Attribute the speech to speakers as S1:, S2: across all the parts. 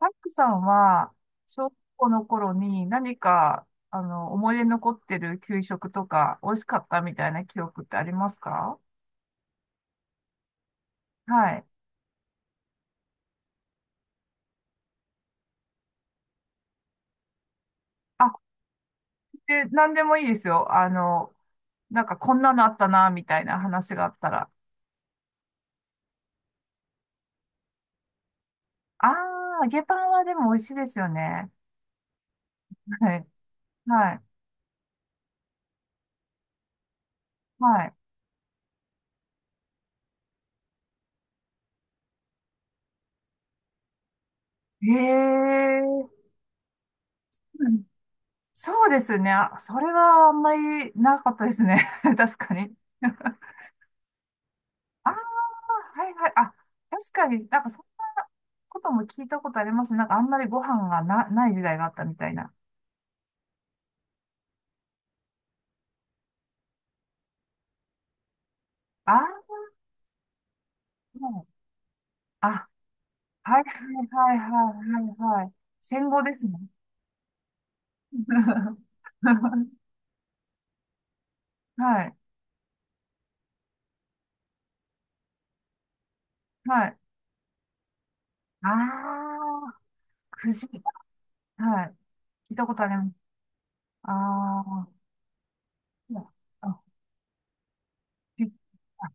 S1: タックさんは、小学校の頃に何か、思い出に残ってる給食とか、美味しかったみたいな記憶ってありますか？はい。あ、で、何でもいいですよ。なんかこんなのあったな、みたいな話があったら。あー、揚げパンはでも美味しいですよね。はい。はい。はい。へえ、そうですね。あ、それはあんまりなかったですね。確かに。ああ、はいはい。あ、確かになんかそんなことも聞いたことありますね。なんかあんまりご飯がな、ない時代があったみたいな。ああ、もう、あ、はいはいはいはいはいはい。戦後ですね。はい、はい。ああ、くじ。はい。聞いたことあります。あー、あ、びあ、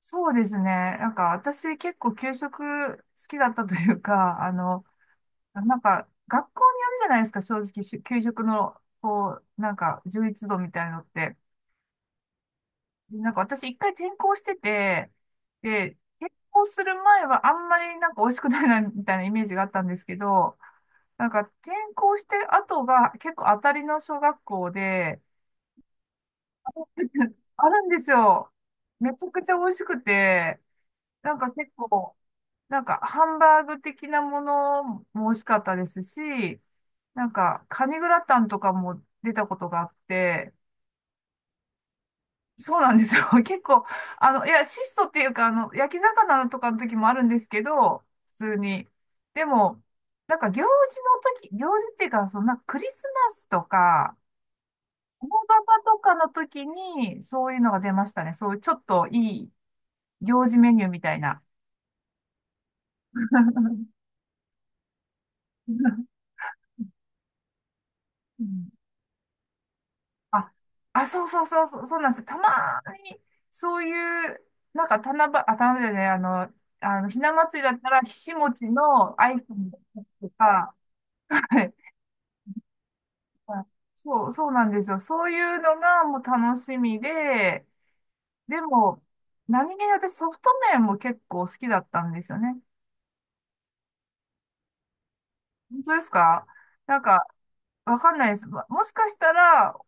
S1: そうですね。なんか私結構給食好きだったというか、なんか、学校にあるじゃないですか、正直、給食の、こう、なんか、充実度みたいのって。で、なんか、私、一回転校してて、で、転校する前は、あんまり、なんか、美味しくないな、みたいなイメージがあったんですけど、なんか、転校して後が、結構、当たりの小学校で、あるんですよ。めちゃくちゃ美味しくて、なんか、結構、なんか、ハンバーグ的なものも美味しかったですし、なんか、カニグラタンとかも出たことがあって、そうなんですよ。結構、あの、いや、質素っていうか、あの、焼き魚とかの時もあるんですけど、普通に。でも、なんか行事の時、行事っていうか、そんなクリスマスとか、大ババとかの時に、そういうのが出ましたね。そういうちょっといい行事メニューみたいな。うん、あ、あ、そうそうそう、そうそうなんです。たまに、そういう、なんか、七夕、あ、七夕じゃない、あの、ひな祭りだったら、ひしもちのアイコンとか、はい、あ、そう、そうなんですよ。そういうのがもう楽しみで、でも、何気に私ソフト麺も結構好きだったんですよね。本当ですか？なんか、わかんないです。もしかしたら、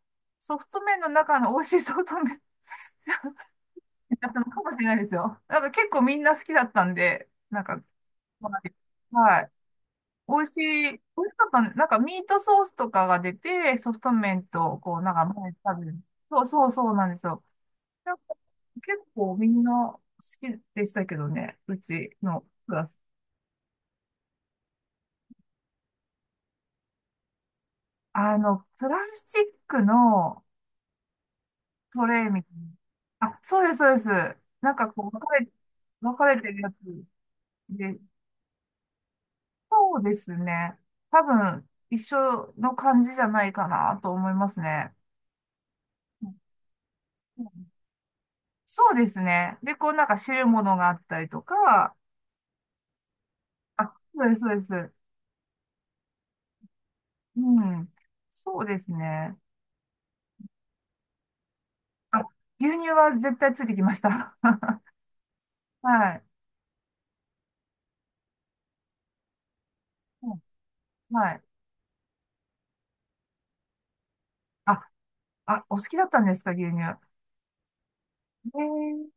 S1: ソフト麺の中の美味しいソフト麺 だったのかもしれないですよ。なんか結構みんな好きだったんで、なんか、はいはい。美味しい、美味しかったね。なんかミートソースとかが出て、ソフト麺と、こう、なんか前に食べる。そうそうそうなんですよ。なんか結構みんな好きでしたけどね、うちのクラス。あの、プラスチックのトレイみたいな。あ、そうです、そうです。なんかこう、分かれてるやつで、そうですね。多分、一緒の感じじゃないかなと思いますね。うん、そうですね。で、こうなんか汁物があったりとか、あ、そうです、そうです。うん。そうですね。あ、牛乳は絶対ついてきました。はい。うん、はい。あ、あ、お好きだったんですか、牛乳。えー、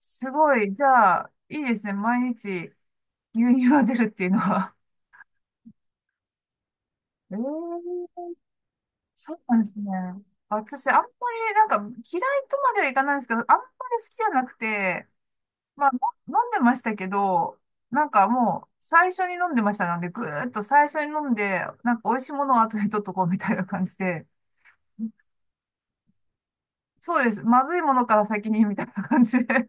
S1: すごい。じゃあ、いいですね。毎日牛乳が出るっていうのは。えー、そうなんですね。私、あんまり、なんか、嫌いとまではいかないんですけど、あんまり好きじゃなくて、まあ、の飲んでましたけど、なんかもう、最初に飲んでましたので、ぐーっと最初に飲んで、なんか、美味しいものを後で取っとこうみたいな感じで、そうです。まずいものから先に、みたいな感じで。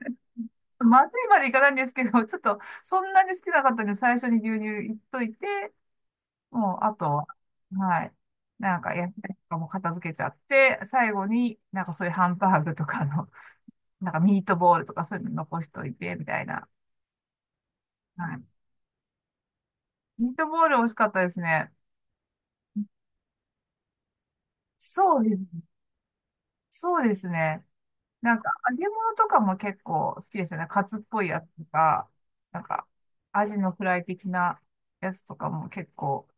S1: まずいまでいかないんですけど、ちょっと、そんなに好きなかったんで、最初に牛乳いっといて、もう、あとは、はい。なんか、野菜とかも片付けちゃって、最後になんかそういうハンバーグとかの、なんかミートボールとかそういうの残しといて、みたいな。はい。ミートボール美味しかったですね。そうです。そうですね。なんか、揚げ物とかも結構好きですよね。カツっぽいやつとか、なんか、アジのフライ的なやつとかも結構好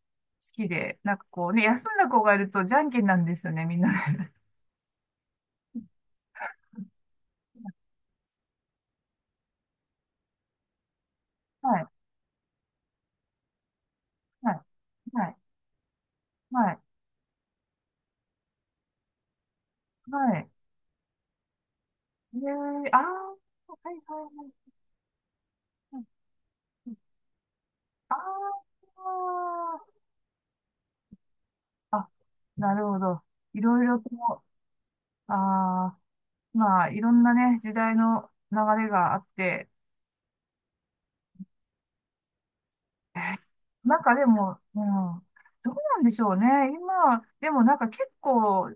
S1: きで、なんかこうね、休んだ子がいるとじゃんけんなんですよね、みんなで。はい。はい。はい。はい。はい。ええ、ああ、はいはいはい。うんうん、ああ、あ、なるほど。いろいろと、ああ、まあ、いろんなね、時代の流れがあって、なんかでも、うん、どうなんでしょうね。今、でもなんか結構、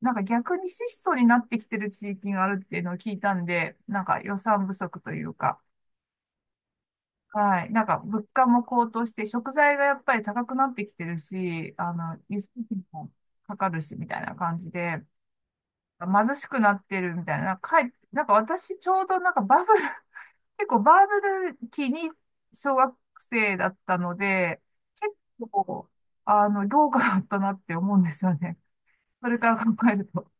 S1: なんか逆に質素になってきてる地域があるっていうのを聞いたんで、なんか予算不足というか。はい。なんか、物価も高騰して、食材がやっぱり高くなってきてるし、あの、輸出費もかかるし、みたいな感じで、貧しくなってるみたいな、なんか、なんか私、ちょうどなんかバブル、結構バブル期に小学生だったので、結構、あの、豪華だったなって思うんですよね。それから考えると。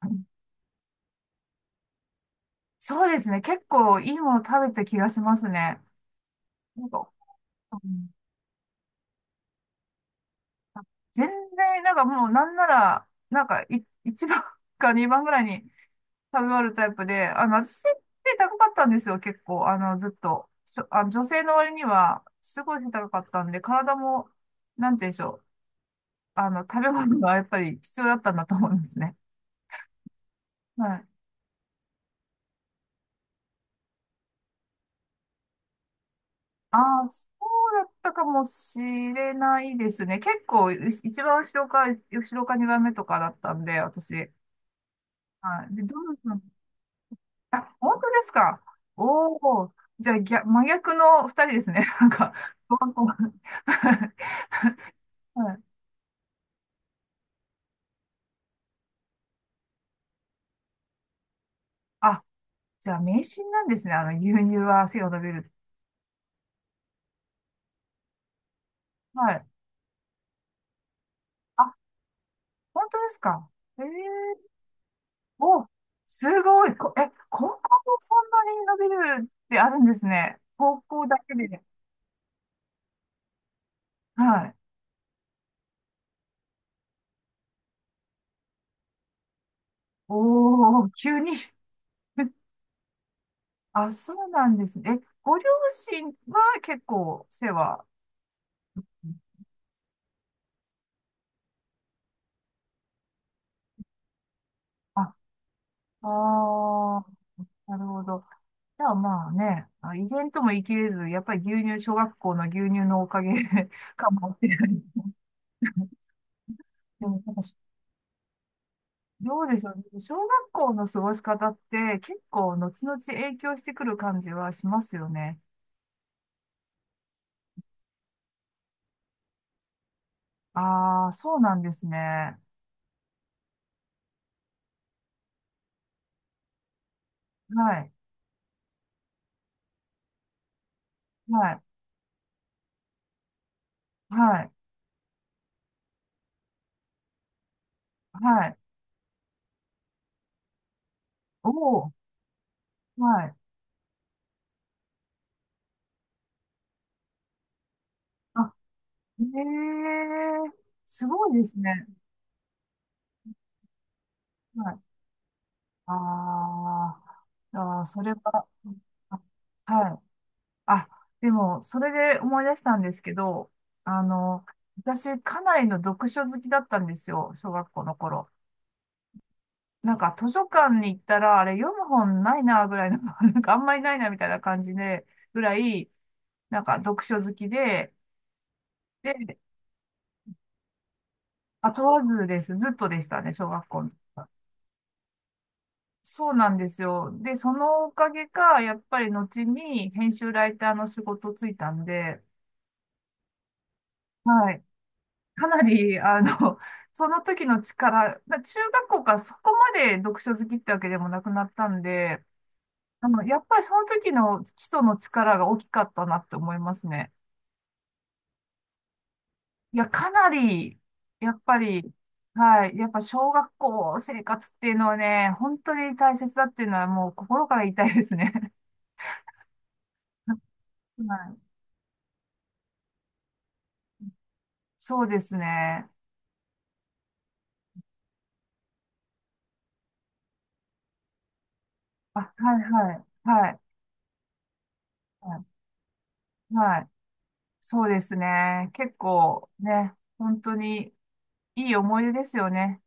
S1: そうですね。結構いいもの食べた気がしますね。なんか、うん、全然、なんかもうなんなら、なんか1番 か2番ぐらいに食べ終わるタイプで、あの、私背高かったんですよ、結構。あの、ずっと。あの女性の割には、すごい背高かったんで、体も、なんて言うんでしょう。あの、食べ物がやっぱり必要だったんだと思いますね。はい。ああ、そうだったかもしれないですね。結構、一番後ろか、後ろか2番目とかだったんで、私。はい。で、どうぞ、あ、本当ですか。おお、じゃあ、逆、真逆の二人ですね。なんか、どんどん はい。あ、じゃあ、迷信なんですね。あの、牛乳は背が伸びる。はい。あ、本当ですか。ええ、お、すごい。こ、え、高校もそんなに伸びるってあるんですね。高校だけで。はい。おお、急に。あ、そうなんですね。え、ご両親は結構背は。あ、ああ、なるほど。じゃあまあね、あ、遺伝とも言い切れず、やっぱり牛乳、小学校の牛乳のおかげ かもしれない。でもなんか、どうでしょうね。小学校の過ごし方って結構後々影響してくる感じはしますよね。ああ、そうなんですね。はい、はい、はい、はい。おお、はい。あ、ええ、すごいですね。はい。あー、あー、それは、あ、はい。あ、でも、それで思い出したんですけど、あの、私、かなりの読書好きだったんですよ、小学校の頃。なんか、図書館に行ったら、あれ、読む本ないな、ぐらいの、なんか、あんまりないな、みたいな感じで、ぐらい、なんか、読書好きで、で、あ、問わずです。ずっとでしたね、小学校の。そうなんですよ。で、そのおかげか、やっぱり後に編集ライターの仕事ついたんで、はい。かなり、あの、その時の力、中学校からそこまで読書好きってわけでもなくなったんで、あの、やっぱりその時の基礎の力が大きかったなって思いますね。いや、かなり、やっぱり、はい、やっぱ小学校生活っていうのはね、本当に大切だっていうのはもう心から言いたいですね。はい、そうですね。あ、はいはい、はい、はい、はい、そうですね。結構ね、本当に、いい思い出ですよね。